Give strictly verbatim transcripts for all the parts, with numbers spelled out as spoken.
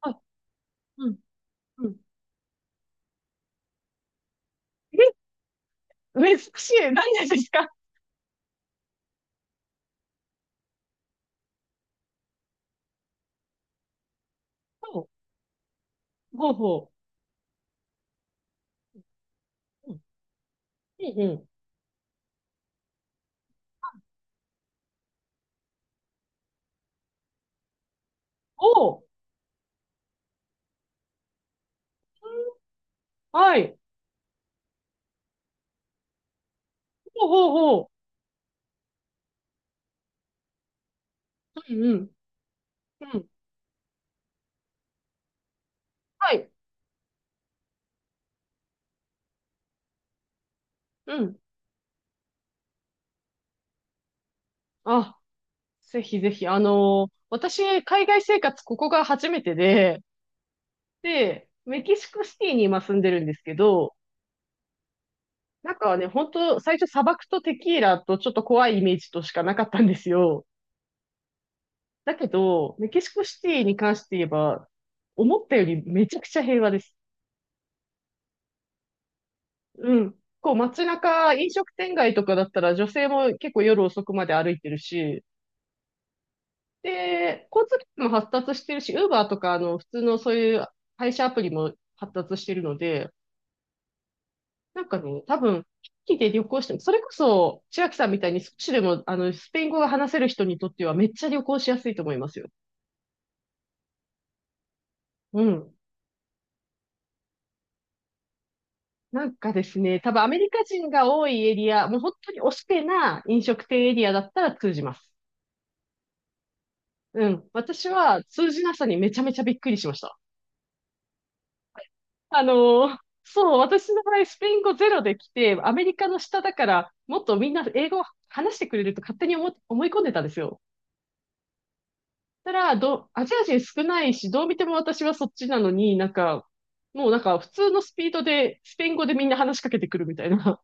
はい。うん。うん。え、珍しい。何がですか？ほうほうほう。うん。うんうん。おお。うん。はい。ほうほうほう。うんうん。うん。はい。うん。あ、ぜひぜひ。あのー私、海外生活ここが初めてで、で、メキシコシティに今住んでるんですけど、なんかね、本当最初砂漠とテキーラとちょっと怖いイメージとしかなかったんですよ。だけど、メキシコシティに関して言えば、思ったよりめちゃくちゃ平和です。うん。こう街中、飲食店街とかだったら女性も結構夜遅くまで歩いてるし、で、交通機関も発達してるし、ウーバーとかあの普通のそういう配車アプリも発達してるので、なんかね、多分、機器で旅行しても、それこそ千秋さんみたいに少しでもあのスペイン語が話せる人にとってはめっちゃ旅行しやすいと思いますよ。うん。なんかですね、多分アメリカ人が多いエリア、もう本当におしペな飲食店エリアだったら通じます。うん。私は通じなさにめちゃめちゃびっくりしました。あのーそう、私の場合、スペイン語ゼロで来て、アメリカの下だから、もっとみんな英語を話してくれると勝手に思、思い込んでたんですよ。たら、ど、アジア人少ないし、どう見ても私はそっちなのに、なんか、もうなんか普通のスピードで、スペイン語でみんな話しかけてくるみたいな。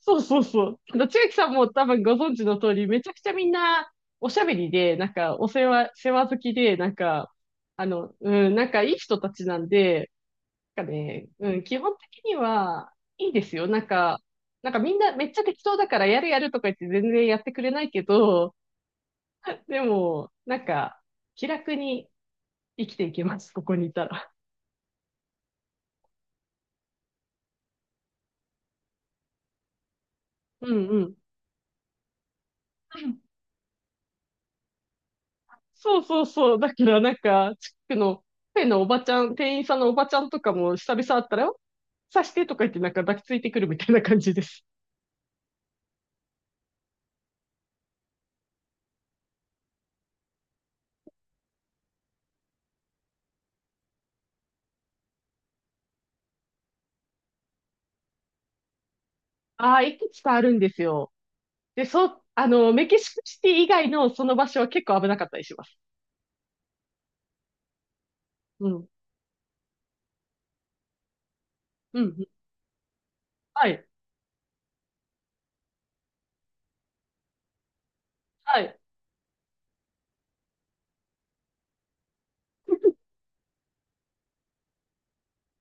そうそうそう。あの千秋さんも多分ご存知の通り、めちゃくちゃみんなおしゃべりで、なんかお世話、世話好きで、なんか、あの、うん、なんかいい人たちなんで、なんかね、うん、基本的にはいいですよ。なんか、なんかみんなめっちゃ適当だからやるやるとか言って全然やってくれないけど、でも、なんか、気楽に生きていけます、ここにいたら。うんうん。そうそうそう。だからなんか、地区のペンのおばちゃん、店員さんのおばちゃんとかも久々会ったら、刺してとか言ってなんか抱きついてくるみたいな感じです。ああ、いくつかあるんですよ。で、そう、あの、メキシコシティ以外のその場所は結構危なかったりします。うん。うん。うん。はい。はい。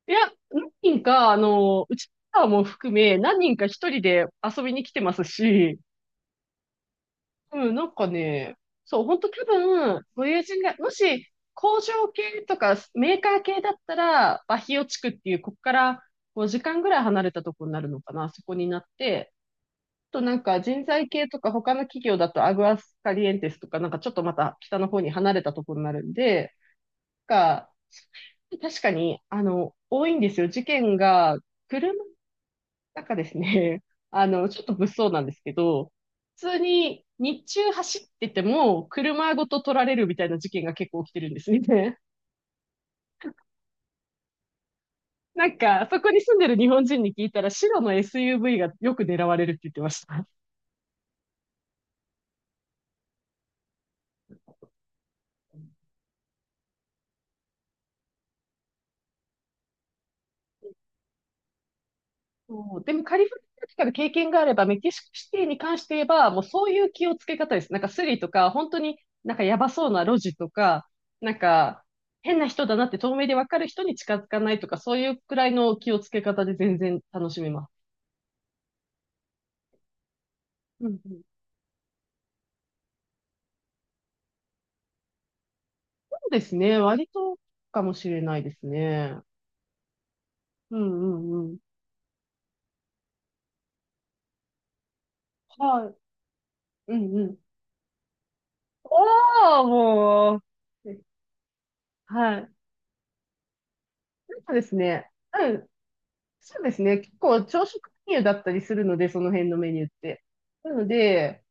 いや、何人か、あの、うちはも含め、何人か一人で遊びに来てますし、うん、なんかね、そう、ほんと多分、ご友人が、もし工場系とかメーカー系だったら、バヒオ地区っていう、ここからごじかんぐらい離れたところになるのかな、そこになって、あとなんか人材系とか他の企業だとアグアスカリエンテスとか、なんかちょっとまた北の方に離れたところになるんで、が、確かに、あの、多いんですよ。事件が、車なんかですね、あの、ちょっと物騒なんですけど、普通に日中走ってても車ごと取られるみたいな事件が結構起きてるんですね。なんか、そこに住んでる日本人に聞いたら、白の エスユーブイ がよく狙われるって言ってました。そう、でもカリフォルニアとかで経験があれば、メキシコシティに関して言えば、もうそういう気をつけ方です。なんかスリとか、本当になんかやばそうな路地とか、なんか変な人だなって透明でわかる人に近づかないとか、そういうくらいの気をつけ方で全然楽しめます。うんうん、そうですね。割とかもしれないですね。うんうんうん。はい。うんうん。おー、もう。はい。なんかですね。うん。そうですね。結構朝食メニューだったりするので、その辺のメニューって。なので、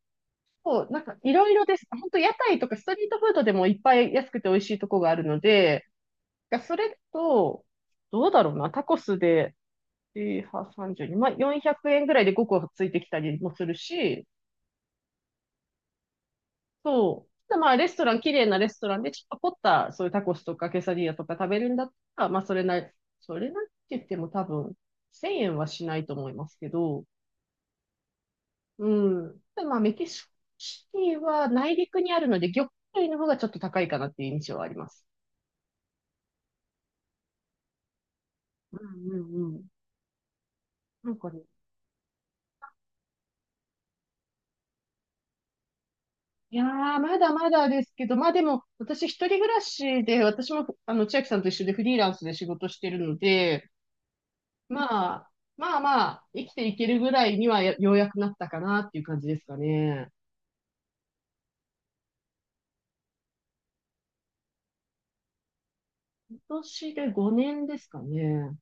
こう、なんかいろいろです。本当屋台とかストリートフードでもいっぱい安くて美味しいとこがあるので、がそれと、どうだろうな。タコスで、えー、さんにまあ、よんひゃくえんぐらいでごこついてきたりもするし、そう。ただまあ、レストラン、綺麗なレストランで、ちょっと凝った、そういうタコスとかケサディアとか食べるんだったら、まあ、それなり、それなりって言っても多分、せんえんはしないと思いますけど、うん。ただまあ、メキシコシティは内陸にあるので、魚介類の方がちょっと高いかなっていう印象はあります。うんうんうん。なんかね、いやー、まだまだですけど、まあでも、私一人暮らしで、私も、あの、千秋さんと一緒でフリーランスで仕事してるので、まあ、まあまあ、生きていけるぐらいにはやようやくなったかなっていう感じですかね。今年でごねんですかね。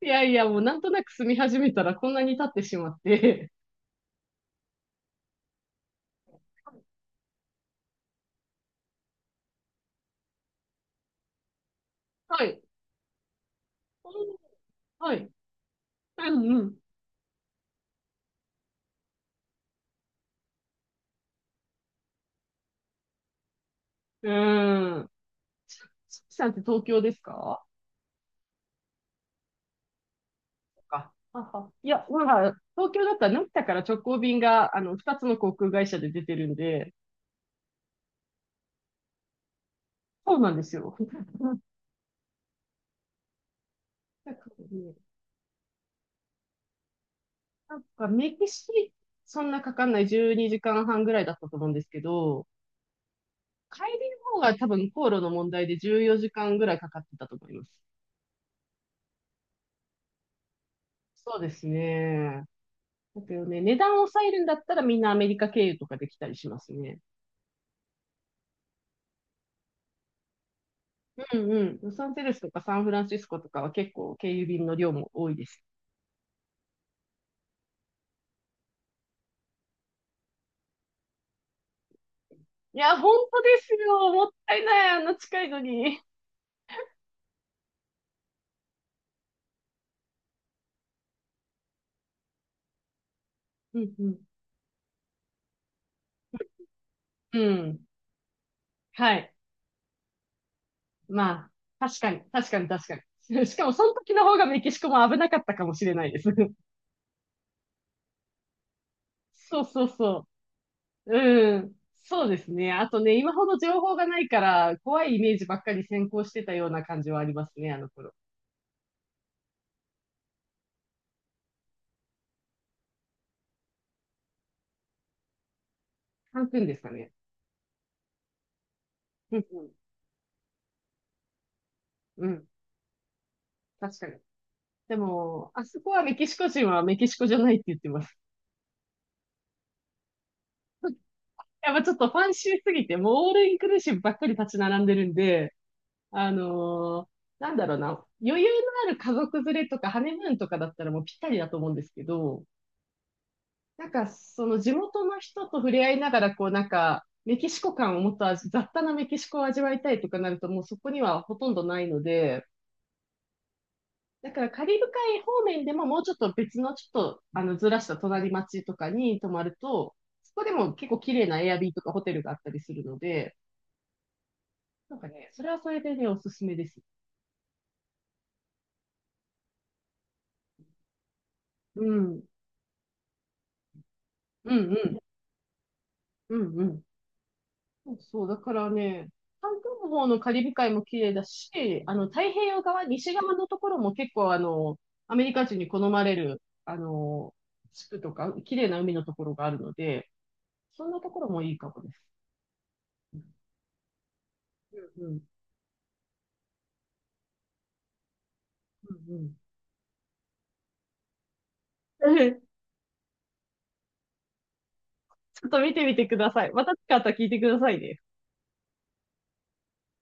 いやいや、もうなんとなく住み始めたらこんなに経ってしまって。はい。はい。うんうん。うーん。しきさんって東京ですかか。あ、はい。や、まあ、東京だったら成田から直行便が、あの、二つの航空会社で出てるんで、そうなんですよ。なんかメキシ、そんなかかんないじゅうにじかんはんぐらいだったと思うんですけど、帰りの方が多分航路の問題でじゅうよじかんぐらいかかってたと思います。そうですね。だけどね、値段を抑えるんだったらみんなアメリカ経由とかできたりしますね。うんうん。ロサンゼルスとかサンフランシスコとかは結構経由便の量も多いです。いや、本当ですよ。もったいない、あんな近いのに。うんうん。うん。はい。まあ、確かに、確かに、確かに。しかも、その時の方がメキシコも危なかったかもしれないです。そうそうそう。うん。そうですね。あとね、今ほど情報がないから、怖いイメージばっかり先行してたような感じはありますね、あの頃。カンクンですかね。うんうん。うん。確かに。でも、あそこはメキシコ人はメキシコじゃないって言ってます。やっぱちょっとファンシーすぎて、もうオールインクルーシブばっかり立ち並んでるんで、あのーなんだろうな、余裕のある家族連れとかハネムーンとかだったらもうぴったりだと思うんですけど、なんかその地元の人と触れ合いながら、こうなんか、メキシコ感をもっと味雑多なメキシコを味わいたいとかなるともうそこにはほとんどないので、だからカリブ海方面でももうちょっと別のちょっとあのずらした隣町とかに泊まると、そこでも結構綺麗なエアビーとかホテルがあったりするので、なんかね、それはそれでね、おすすめです。うん。うんうん。うんうん。そうそう、だからね、韓国の方のカリブ海も綺麗だし、あの、太平洋側、西側のところも結構あの、アメリカ人に好まれる、あの、地区とか、綺麗な海のところがあるので、そんなところもいいかもです。うんうん。うんうん。ちょっと見てみてください。また使ったら聞いてくださいね。